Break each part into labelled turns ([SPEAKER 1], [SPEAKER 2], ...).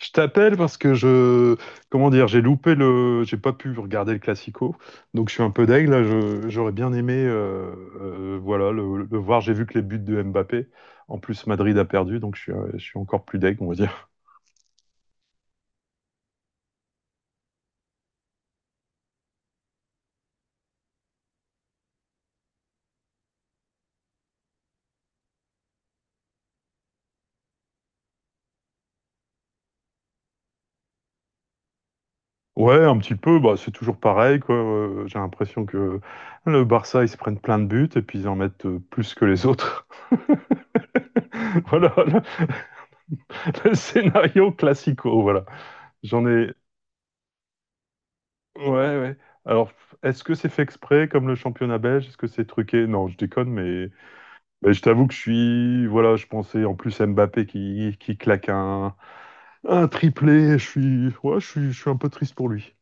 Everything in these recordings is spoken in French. [SPEAKER 1] Je t'appelle parce que comment dire, j'ai loupé j'ai pas pu regarder le Classico, donc je suis un peu deg là. J'aurais bien aimé, voilà, le voir. J'ai vu que les buts de Mbappé. En plus, Madrid a perdu, donc je suis encore plus deg, on va dire. Ouais, un petit peu. Bah, c'est toujours pareil, quoi. J'ai l'impression que le Barça, ils se prennent plein de buts et puis ils en mettent plus que les autres. Voilà le scénario Classico. Voilà. J'en ai, Ouais, ouais. Alors, est-ce que c'est fait exprès comme le championnat belge? Est-ce que c'est truqué? Non, je déconne, mais je t'avoue que je suis. Voilà, je pensais en plus à Mbappé qui claque un triplé. Je suis, ouais, je suis un peu triste pour lui.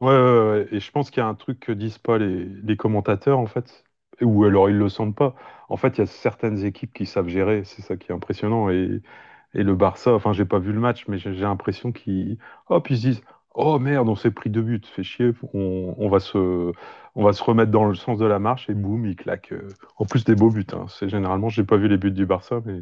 [SPEAKER 1] Ouais, ouais, ouais, ouais. Et je pense qu'il y a un truc que disent pas les commentateurs, en fait. Ou alors ils le sentent pas. En fait, il y a certaines équipes qui savent gérer. C'est ça qui est impressionnant. Et le Barça, enfin, j'ai pas vu le match, mais j'ai l'impression qu'ils. Hop, ils se disent. Oh merde, on s'est pris deux buts. Fait chier. On va on va se remettre dans le sens de la marche. Et boum, ils claquent. En plus des beaux buts, hein. C'est généralement, j'ai pas vu les buts du Barça, mais.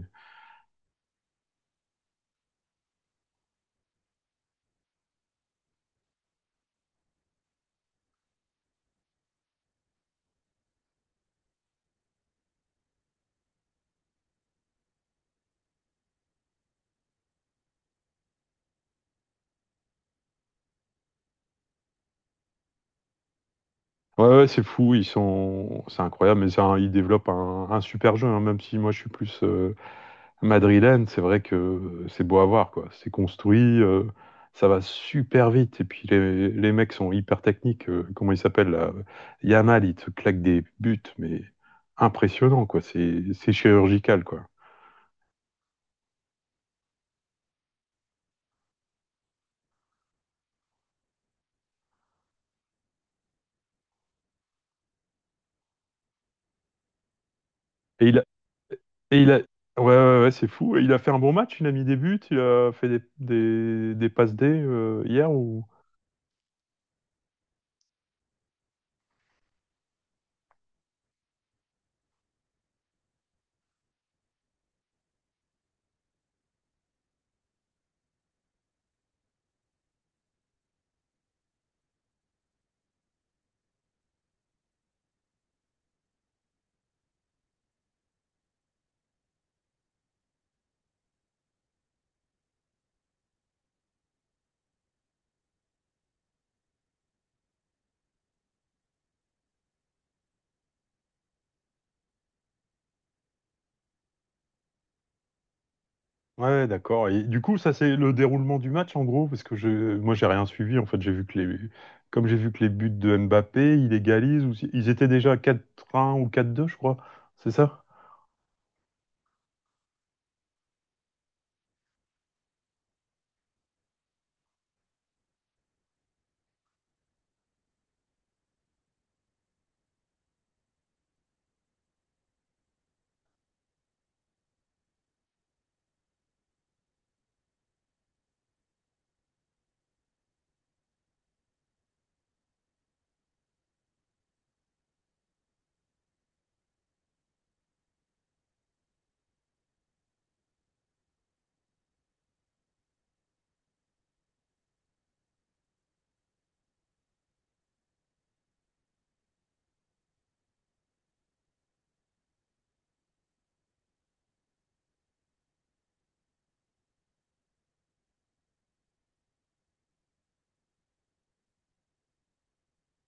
[SPEAKER 1] Ouais, ouais, c'est fou. Ils sont. C'est incroyable. Mais ça, hein, ils développent un super jeu, hein, même si moi, je suis plus madrilène, c'est vrai que c'est beau à voir, quoi. C'est construit, ça va super vite. Et puis les mecs sont hyper techniques. Comment il s'appelle là? Yamal, il te claque des buts, mais impressionnant, quoi. C'est chirurgical, quoi. Et il a, et il a, ouais, ouais, ouais, c'est fou. Et il a fait un bon match, il a mis des buts, il a fait des passes D hier ou. Ouais, ouais, d'accord. Et du coup, ça, c'est le déroulement du match, en gros, parce que moi, j'ai rien suivi. En fait, j'ai vu que les, comme j'ai vu que les buts de Mbappé, il égalise, ou si- ils étaient déjà à 4-1 ou 4-2, je crois. C'est ça?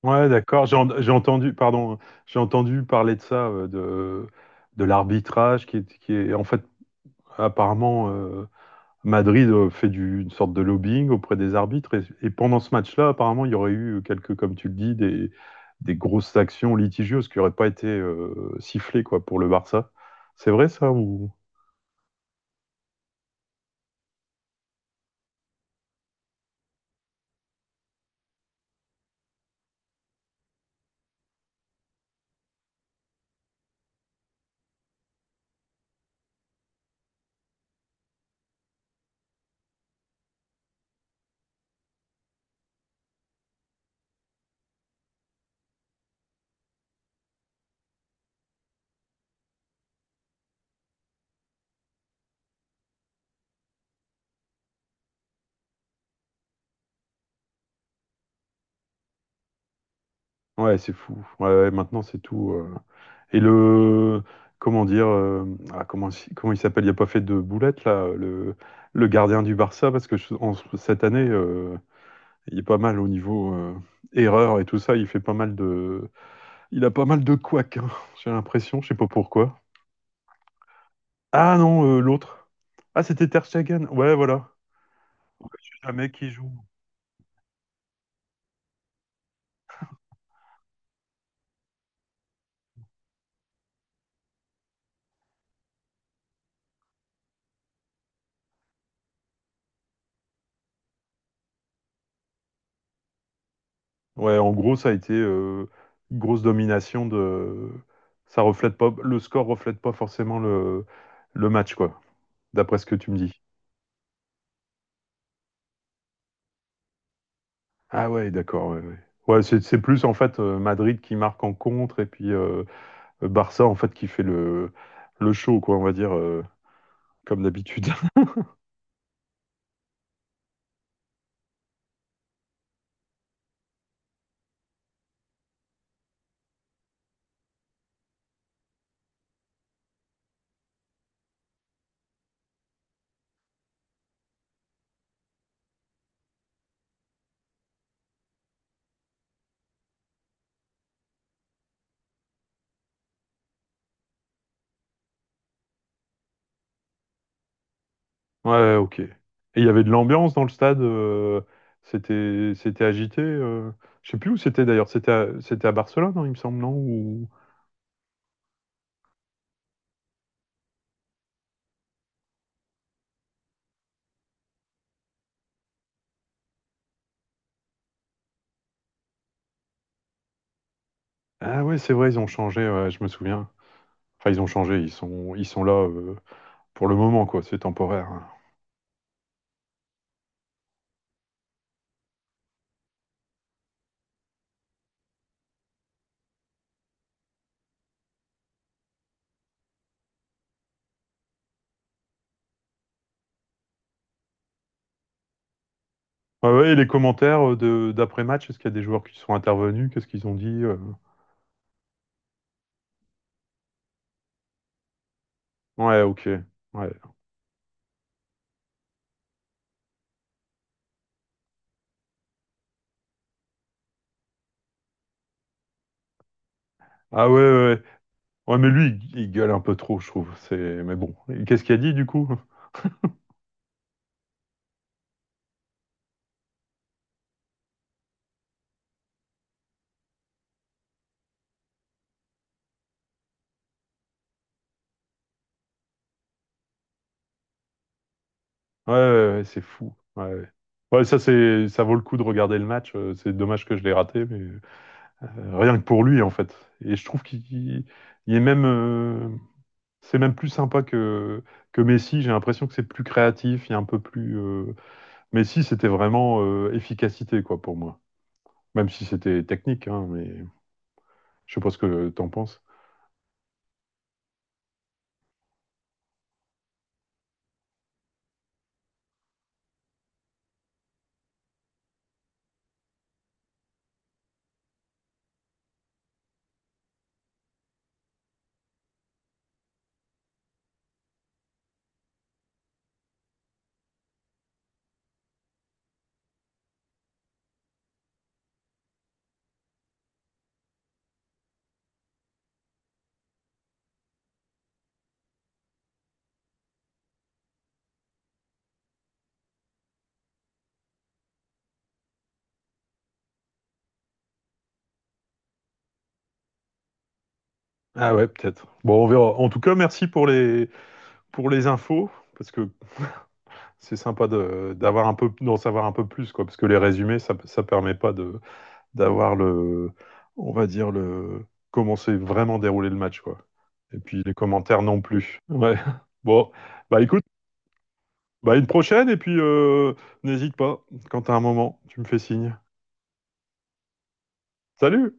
[SPEAKER 1] Ouais, d'accord. J'ai entendu, pardon, j'ai entendu parler de ça, de l'arbitrage en fait, apparemment, Madrid fait une sorte de lobbying auprès des arbitres. Et pendant ce match-là, apparemment, il y aurait eu quelques, comme tu le dis, des grosses actions litigieuses qui n'auraient pas été sifflées, quoi, pour le Barça. C'est vrai ça ou... Ouais, c'est fou. Ouais, ouais, maintenant, c'est tout, euh. Et le. Comment dire, ah, comment il s'appelle. Il n'y a pas fait de boulette, là, le gardien du Barça, parce que cette année, il est pas mal au niveau erreur et tout ça. Il a pas mal de couacs, hein, j'ai l'impression, je sais pas pourquoi. Ah non, l'autre. Ah, c'était Ter Stegen. Ouais, voilà. Ouais, je sais jamais qui joue. Ouais, en gros, ça a été une grosse domination de. Ça reflète pas. Le score reflète pas forcément le match, quoi, d'après ce que tu me dis. Ah ouais, d'accord. Ouais, ouais. Ouais, c'est plus en fait Madrid qui marque en contre et puis Barça en fait qui fait le show, quoi, on va dire, comme d'habitude. Ouais, ouais, ok. Et il y avait de l'ambiance dans le stade, c'était agité. Je sais plus où c'était d'ailleurs, c'était à Barcelone, hein, il me semble, non? Ou... Ah ouais, c'est vrai, ils ont changé, ouais, je me souviens. Enfin, ils ont changé, ils sont là, pour le moment, quoi, c'est temporaire, hein. Ouais, ouais, et les commentaires d'après-match, est-ce qu'il y a des joueurs qui sont intervenus? Qu'est-ce qu'ils ont dit, euh? Ouais, ok. Ouais. Ah ouais, ouais. Ouais, ouais, mais lui, il gueule un peu trop, je trouve. C'est... Mais bon, et qu'est-ce qu'il a dit du coup? Ouais, ouais, ouais, c'est fou. Ouais, ouais. Ouais, ça, c'est, ça vaut le coup de regarder le match. C'est dommage que je l'ai raté, mais rien que pour lui, en fait. Et je trouve il est même, c'est même plus sympa que Messi. J'ai l'impression que c'est plus créatif, il est un peu plus. Messi, c'était vraiment efficacité, quoi, pour moi. Même si c'était technique, hein, mais je sais pas ce que t'en penses. Ah ouais, peut-être. Bon, on verra. En tout cas, merci pour pour les infos, parce que c'est sympa d'avoir un peu d'en savoir un peu plus quoi parce que les résumés ça permet pas de d'avoir le on va dire le comment s'est vraiment déroulé le match quoi et puis les commentaires non plus ouais bon bah écoute bah une prochaine et puis n'hésite pas quand t'as un moment tu me fais signe salut